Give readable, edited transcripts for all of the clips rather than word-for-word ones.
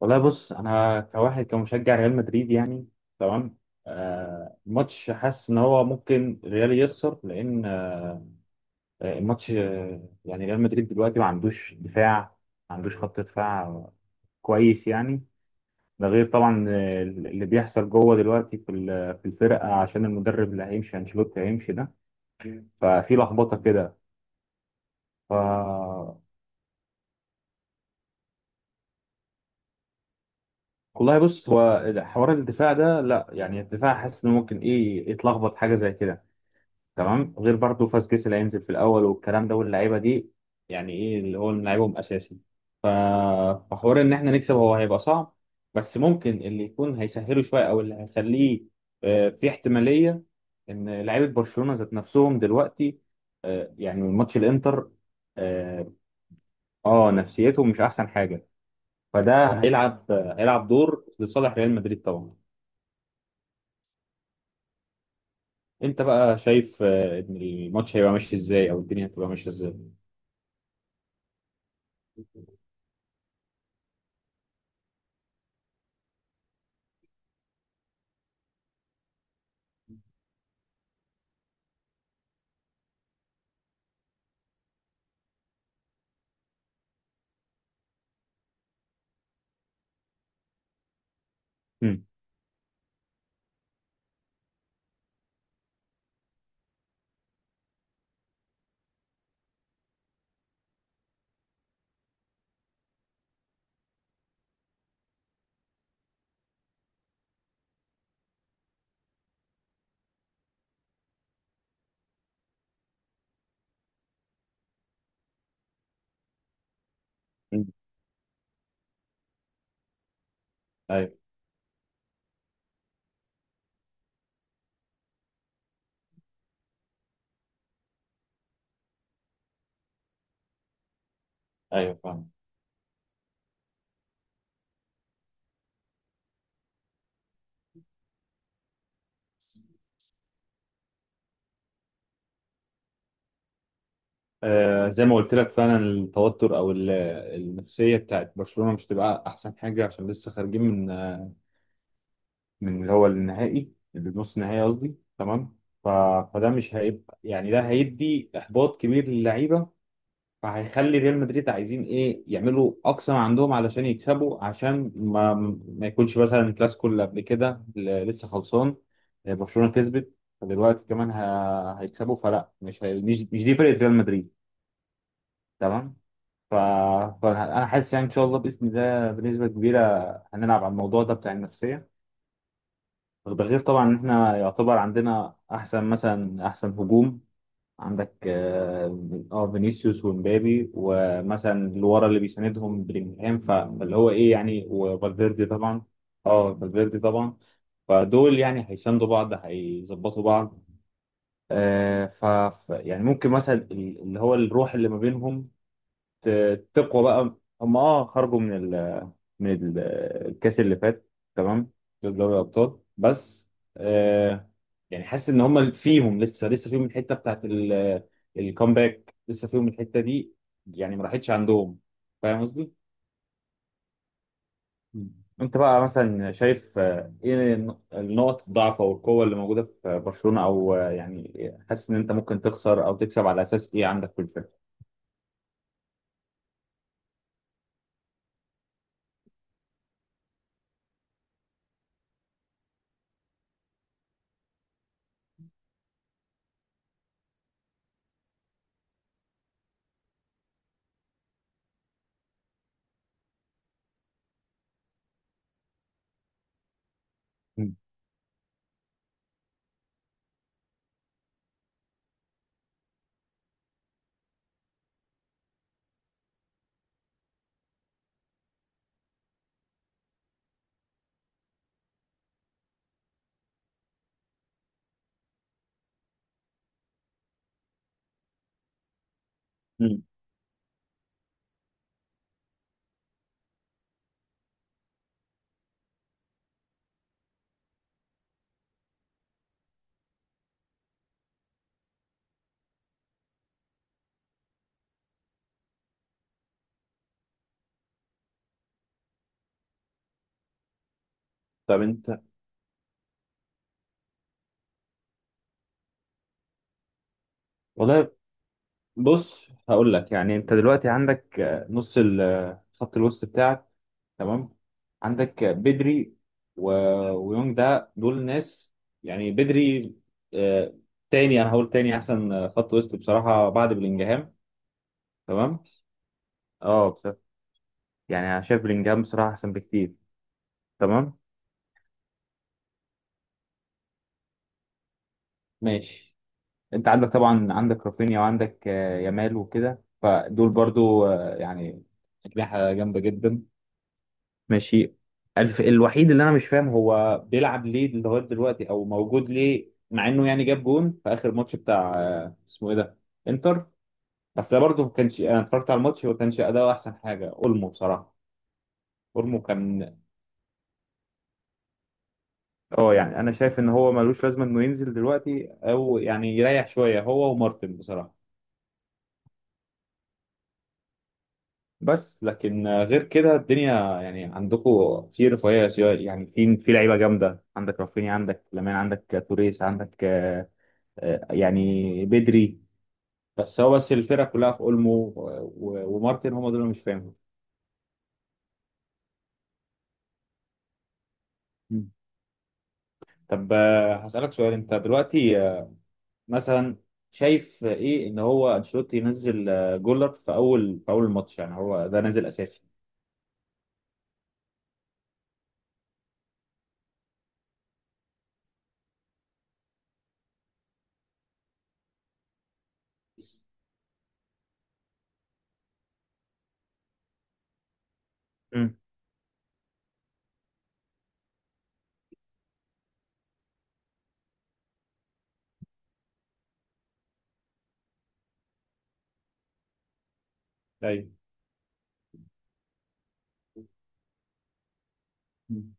والله بص انا كواحد كمشجع ريال مدريد يعني. تمام. الماتش حاسس ان هو ممكن ريال يخسر لان الماتش يعني ريال مدريد دلوقتي ما عندوش دفاع، ما عندوش خط دفاع كويس يعني. ده غير طبعا اللي بيحصل جوه دلوقتي في الفرقه عشان المدرب اللي هيمشي انشيلوتي هيمشي ده. ففي لخبطه كده. ف والله بص، هو حوار الدفاع ده لا، يعني الدفاع حاسس انه ممكن ايه يتلخبط حاجه زي كده. تمام. غير برضه فاسكيز اللي هينزل في الاول والكلام ده واللعيبه دي، يعني ايه اللي هو لعيبهم اساسي. ف- فحوار ان احنا نكسب هو هيبقى صعب، بس ممكن اللي يكون هيسهله شويه او اللي هيخليه في احتماليه ان لعيبه برشلونه ذات نفسهم دلوقتي يعني من ماتش الانتر. اه. نفسيتهم مش احسن حاجه. فده هيلعب هيلعب دور لصالح ريال مدريد طبعا. انت بقى شايف ان الماتش هيبقى ماشي ازاي او الدنيا هتبقى ماشيه ازاي؟ مم. مم. ايوه. ايوه فاهم. زي ما قلت لك فعلا التوتر او النفسيه بتاعت برشلونه مش تبقى احسن حاجه عشان لسه خارجين من من اللي هو النهائي اللي نص النهائي قصدي. تمام. ف... فده مش هيبقى يعني ده هيدي احباط كبير للعيبه. فهيخلي ريال مدريد عايزين ايه يعملوا اقصى ما عندهم علشان يكسبوا، عشان ما يكونش مثلا الكلاسيكو اللي قبل كده اللي لسه خلصان برشلونه كسبت. فدلوقتي كمان هيكسبوا، فلا، مش هي... مش مش دي فرقه ريال مدريد. تمام. ف... فانا حاسس يعني ان شاء الله باذن الله بنسبه كبيره هنلعب على الموضوع ده بتاع النفسيه. ده غير طبعا ان احنا يعتبر عندنا احسن مثلا احسن هجوم. عندك اه فينيسيوس ومبابي، ومثلا اللي ورا اللي بيساندهم بلينجهام، فاللي هو ايه يعني، وفالفيردي طبعا. اه فالفيردي طبعا. فدول يعني هيساندوا بعض، هيظبطوا بعض يعني ممكن مثلا اللي هو الروح اللي ما بينهم تقوى بقى. هم اه خرجوا من من ال- الكاس اللي فات. تمام. دول دوري الابطال بس. آه. يعني حاسس ان هم فيهم لسه فيهم الحته بتاعت الكومباك، لسه فيهم الحته دي يعني، ما راحتش عندهم. فاهم قصدي؟ مم. انت بقى مثلا شايف ايه النقط الضعف او القوه اللي موجوده في برشلونه، او يعني حاسس ان انت ممكن تخسر او تكسب على اساس ايه عندك في الفرقه؟ مم. مم. طب انت. والله بص، هقول لك يعني انت دلوقتي عندك نص خط الوسط بتاعك. تمام. عندك بدري و... ويونج، ده دول ناس يعني بدري. آه، تاني، انا هقول تاني احسن خط وسط بصراحة بعد بلينجهام. تمام. اه بصراحة، يعني انا شايف بلينجهام بصراحة احسن بكتير. تمام. ماشي. انت عندك طبعا، عندك رافينيا وعندك يامال وكده، فدول برضو يعني أجنحة جامدة جدا. ماشي. الوحيد اللي انا مش فاهم هو بيلعب ليه لغايه دلوقتي او موجود ليه، مع انه يعني جاب جون في اخر ماتش بتاع، اسمه ايه ده، انتر. بس ده برضه ما كانش، انا اتفرجت على الماتش ما كانش اداؤه احسن حاجه، اولمو بصراحه. اولمو كان اه، يعني انا شايف ان هو ملوش لازمه انه ينزل دلوقتي، او يعني يريح شويه هو ومارتن بصراحه. بس لكن غير كده الدنيا يعني عندكم في رفاهيه، يعني في لعيبه جامده، عندك رافينيا، عندك لامين، عندك توريس، عندك يعني بدري. بس هو بس الفرقة كلها في اولمو ومارتن، هم دول اللي مش فاهمهم. مم. طب هسألك سؤال، انت دلوقتي مثلا شايف ايه ان هو انشيلوتي ينزل جولر في اول الماتش، يعني هو ده نازل اساسي؟ امم. ايوه. مم.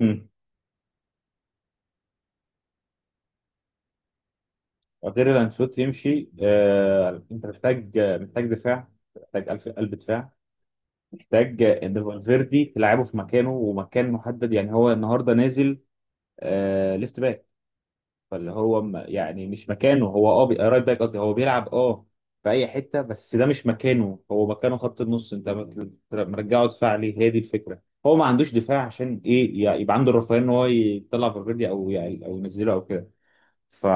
امم. غير ان انشيلوتي يمشي انت محتاج محتاج دفاع، محتاج قلب دفاع، محتاج ان فالفيردي تلعبه في مكانه ومكان محدد، يعني هو النهارده نازل ليفت باك، فاللي هو يعني مش مكانه، هو اه رايت باك قصدي، هو بيلعب اه في اي حته بس ده مش مكانه، هو مكانه خط النص، انت مرجعه دفاع ليه؟ هي دي الفكره، هو ما عندوش دفاع عشان ايه يعني يبقى عنده الرفاهيه ان هو يطلع فالفيردي، او يعني او ينزله او كده. ف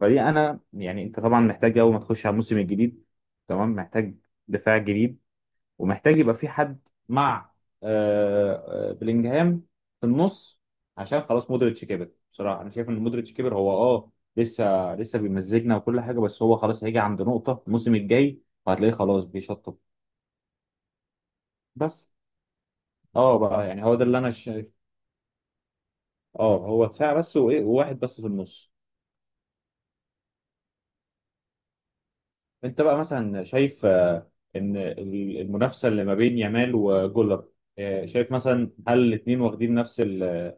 فدي انا يعني، انت طبعا محتاج اول ما تخش على الموسم الجديد تمام، محتاج دفاع جديد، ومحتاج يبقى في حد مع بلينجهام في النص، عشان خلاص مودريتش كبر بصراحه، انا شايف ان مودريتش كبر هو اه لسه بيمزجنا وكل حاجه، بس هو خلاص هيجي عند نقطه الموسم الجاي وهتلاقيه خلاص بيشطب. بس اه بقى، يعني هو ده اللي انا شايف. اه، هو دفاع بس، وايه وواحد بس في النص. انت بقى مثلا شايف ان المنافسه اللي ما بين يامال وجولر شايف مثلا هل الاثنين واخدين نفس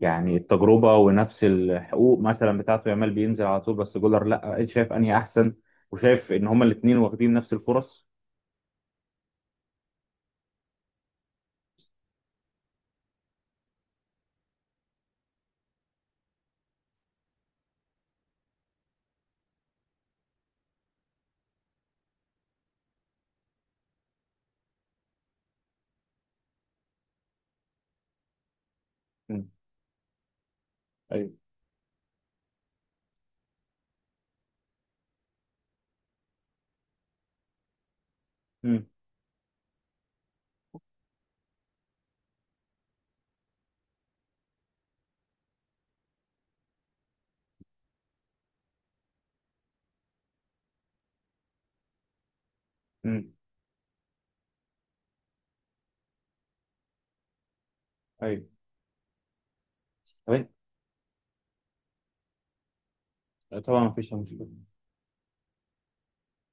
يعني التجربة ونفس الحقوق مثلا بتاعته، يامال بينزل على طول بس جولر لا، شايف انهي احسن، وشايف ان هما الاثنين واخدين نفس الفرص؟ مم. ايوه. امم امم. ايوه. طب طبعا مفيش مشكلة.